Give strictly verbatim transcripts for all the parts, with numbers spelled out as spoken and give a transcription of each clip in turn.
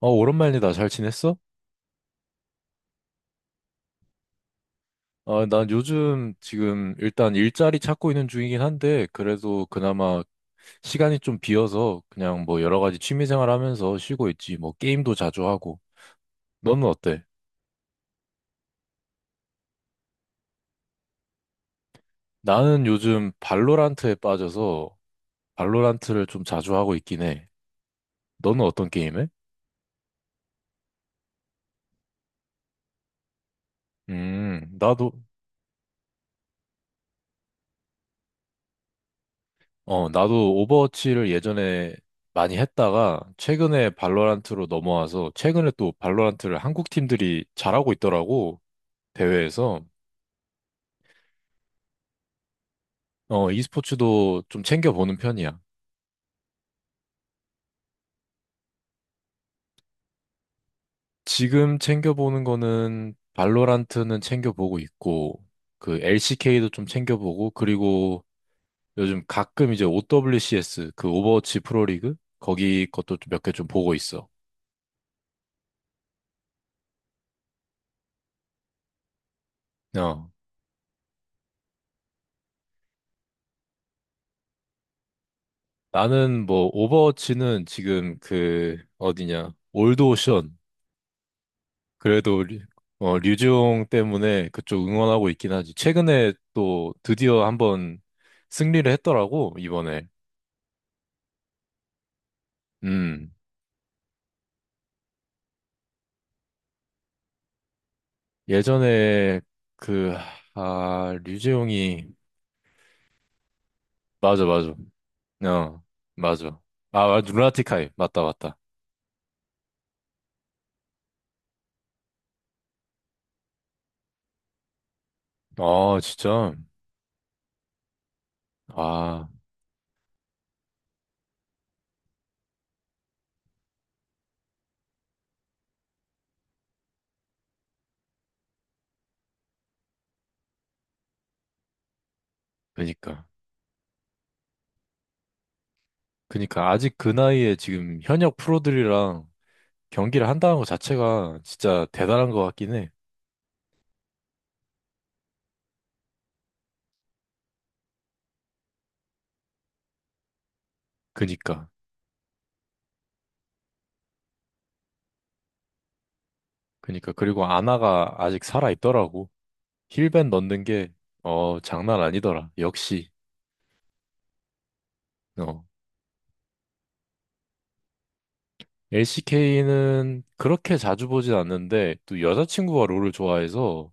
어, 오랜만이다. 잘 지냈어? 아, 난 요즘 지금 일단 일자리 찾고 있는 중이긴 한데, 그래도 그나마 시간이 좀 비어서 그냥 뭐 여러 가지 취미생활 하면서 쉬고 있지. 뭐 게임도 자주 하고. 너는 어때? 나는 요즘 발로란트에 빠져서 발로란트를 좀 자주 하고 있긴 해. 너는 어떤 게임해? 음, 나도, 어, 나도 오버워치를 예전에 많이 했다가 최근에 발로란트로 넘어와서 최근에 또 발로란트를 한국 팀들이 잘하고 있더라고. 대회에서. 어, e스포츠도 좀 챙겨보는 편이야. 지금 챙겨보는 거는 발로란트는 챙겨보고 있고 그 엘시케이도 좀 챙겨보고 그리고 요즘 가끔 이제 오더블유시에스 그 오버워치 프로리그 거기 것도 몇 개 좀 보고 있어. 어. 나는 뭐 오버워치는 지금 그 어디냐 올드 오션. 그래도 류- 어, 류지용 때문에 그쪽 응원하고 있긴 하지. 최근에 또 드디어 한번 승리를 했더라고, 이번에. 음. 예전에 그, 아, 류지용이, 맞아, 맞아. 어, 맞아. 아, 맞- 루나티카이. 맞다, 맞다. 아, 진짜. 아, 그니까. 그니까. 아직 그 나이에 지금 현역 프로들이랑 경기를 한다는 것 자체가 진짜 대단한 것 같긴 해. 그니까. 그니까 그리고 아나가 아직 살아 있더라고. 힐벤 넣는 게 어, 장난 아니더라. 역시. 어. 엘시케이는 그렇게 자주 보진 않는데 또 여자친구가 롤을 좋아해서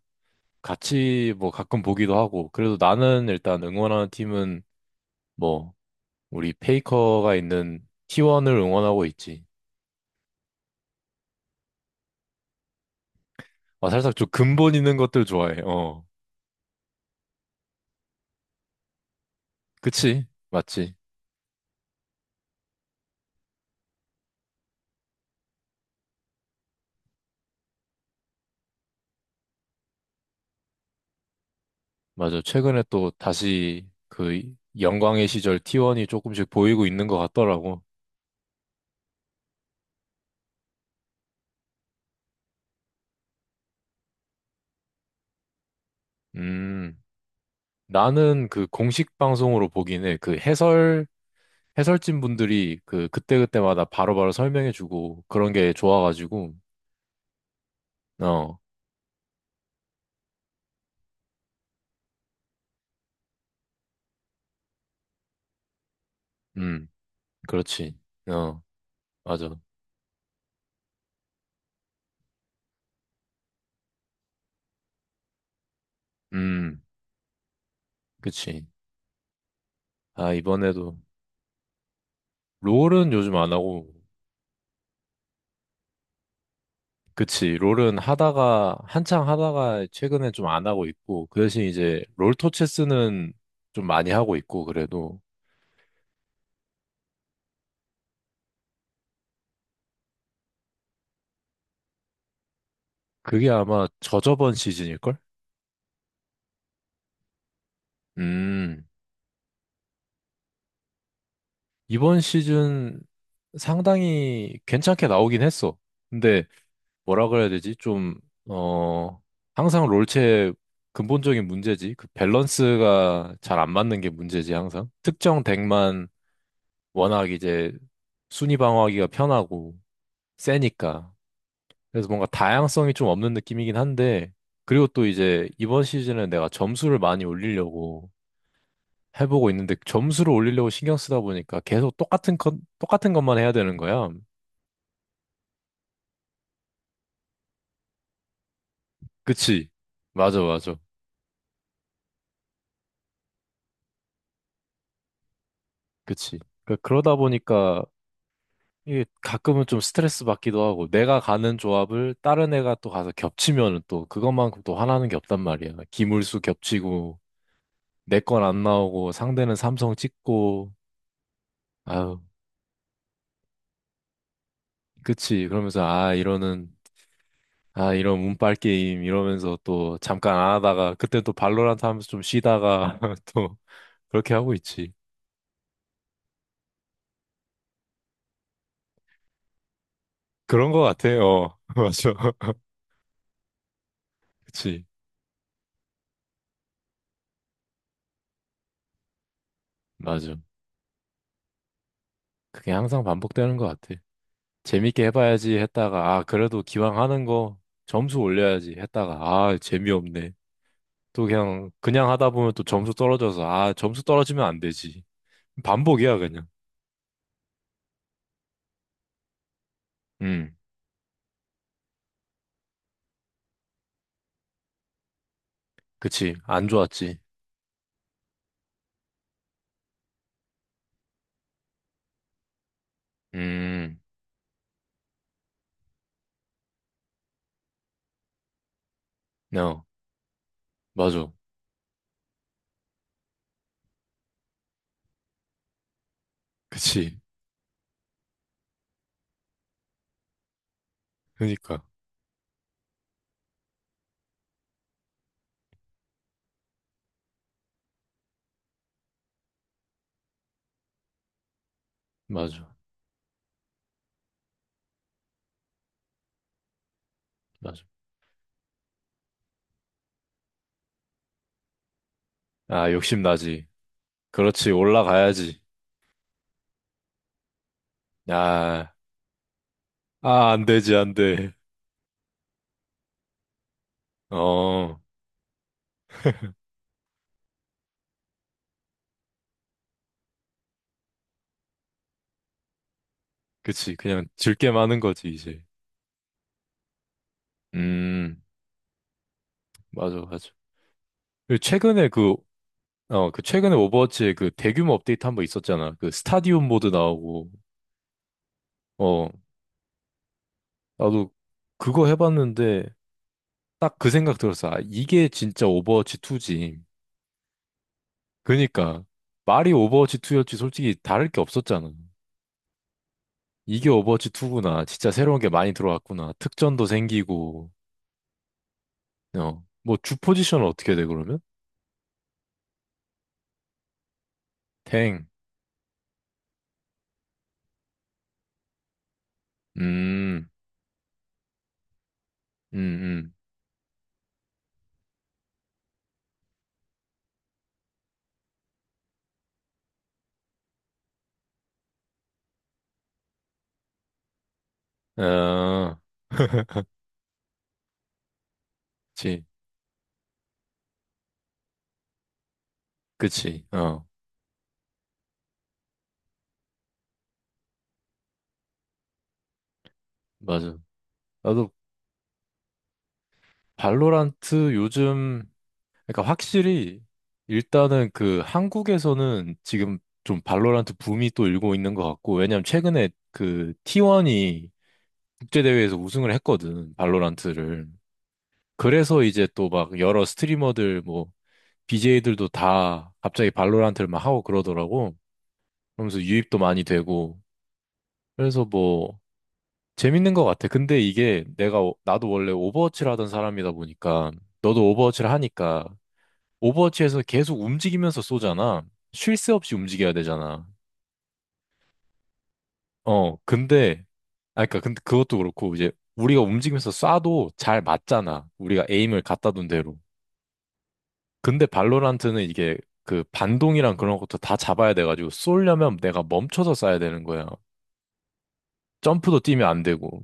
같이 뭐 가끔 보기도 하고. 그래도 나는 일단 응원하는 팀은 뭐 우리 페이커가 있는 티원을 응원하고 있지. 아, 살짝 좀 근본 있는 것들 좋아해. 어. 그치? 맞지? 맞아. 최근에 또 다시 그 영광의 시절 티원이 조금씩 보이고 있는 것 같더라고. 음, 나는 그 공식 방송으로 보긴 해. 그 해설, 해설진 분들이 그 그때그때마다 바로바로 설명해주고 그런 게 좋아가지고, 어, 음, 그렇지. 어, 맞아. 음, 그치. 아, 이번에도. 롤은 요즘 안 하고, 그치. 롤은 하다가, 한창 하다가 최근에 좀 안 하고 있고, 그 대신 이제 롤토체스는 좀 많이 하고 있고, 그래도. 그게 아마 저저번 시즌일걸? 음. 이번 시즌 상당히 괜찮게 나오긴 했어. 근데 뭐라 그래야 되지? 좀, 어, 항상 롤체의 근본적인 문제지. 그 밸런스가 잘 안 맞는 게 문제지, 항상. 특정 덱만 워낙 이제 순위 방어하기가 편하고 세니까. 그래서 뭔가 다양성이 좀 없는 느낌이긴 한데, 그리고 또 이제 이번 시즌은 내가 점수를 많이 올리려고 해보고 있는데, 점수를 올리려고 신경 쓰다 보니까 계속 똑같은 것, 똑같은 것만 해야 되는 거야. 그치. 맞아, 맞아. 그치. 그러니까 그러다 보니까 이게 가끔은 좀 스트레스 받기도 하고, 내가 가는 조합을 다른 애가 또 가서 겹치면은 또 그것만큼 또 화나는 게 없단 말이야. 기물수 겹치고, 내 건 안 나오고, 상대는 삼성 찍고, 아유, 그치. 그러면서, 아, 이러는, 아, 이런 운빨 게임, 이러면서 또 잠깐 안 하다가, 그때 또 발로란트 하면서 좀 쉬다가, 또, 그렇게 하고 있지. 그런 거 같아요. 맞아. 그치. 맞아. 그게 항상 반복되는 것 같아. 재밌게 해봐야지 했다가, 아, 그래도 기왕 하는 거 점수 올려야지 했다가, 아, 재미없네. 또 그냥, 그냥 하다 보면 또 점수 떨어져서, 아, 점수 떨어지면 안 되지. 반복이야, 그냥. 음, 그치. 안 좋았지. 음, n 맞아. 그치. 그니까. 맞아. 맞아. 아, 욕심 나지. 그렇지. 올라가야지. 아, 아, 안 되지, 안 돼. 어, 그치. 그냥 즐게 많은 거지, 이제. 음. 맞아, 맞아. 그 최근에 그, 어, 그 최근에 오버워치에 그 대규모 업데이트 한 번 있었잖아. 그 스타디움 모드 나오고, 어, 나도 그거 해봤는데 딱 그 생각 들었어. 아, 이게 진짜 오버워치 투지. 그니까 말이 오버워치 투였지 솔직히 다를 게 없었잖아. 이게 오버워치 투구나. 진짜 새로운 게 많이 들어왔구나. 특전도 생기고, 어, 뭐 주 포지션은 어떻게 돼, 그러면? 탱. 음, 음, 음. 아, 그치, 그치. 어, 맞아. 나도 발로란트 요즘, 그러니까 확실히 일단은 그 한국에서는 지금 좀 발로란트 붐이 또 일고 있는 것 같고, 왜냐면 최근에 그 티원이 국제대회에서 우승을 했거든, 발로란트를. 그래서 이제 또 막 여러 스트리머들 뭐 비제이들도 다 갑자기 발로란트를 막 하고 그러더라고. 그러면서 유입도 많이 되고. 그래서 뭐 재밌는 것 같아. 근데 이게 내가, 오- 나도 원래 오버워치를 하던 사람이다 보니까, 너도 오버워치를 하니까 오버워치에서 계속 움직이면서 쏘잖아. 쉴 새 없이 움직여야 되잖아. 어, 근데, 아, 그니까, 근데 그것도 그렇고, 이제, 우리가 움직이면서 쏴도 잘 맞잖아. 우리가 에임을 갖다 둔 대로. 근데 발로란트는 이게, 그, 반동이랑 그런 것도 다 잡아야 돼가지고, 쏘려면 내가 멈춰서 쏴야 되는 거야. 점프도 뛰면 안 되고.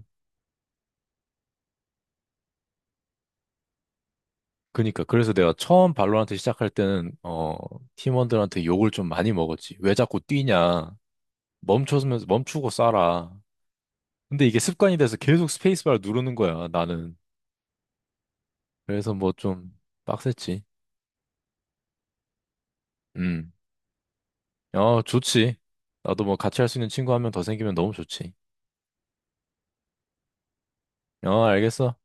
그니까, 그래서 내가 처음 발로란트 시작할 때는, 어, 팀원들한테 욕을 좀 많이 먹었지. 왜 자꾸 뛰냐. 멈춰서, 멈추고 쏴라. 근데 이게 습관이 돼서 계속 스페이스바를 누르는 거야, 나는. 그래서 뭐 좀 빡셌지. 음. 어, 좋지. 나도 뭐 같이 할 수 있는 친구 한 명 더 생기면 너무 좋지. 어, 알겠어.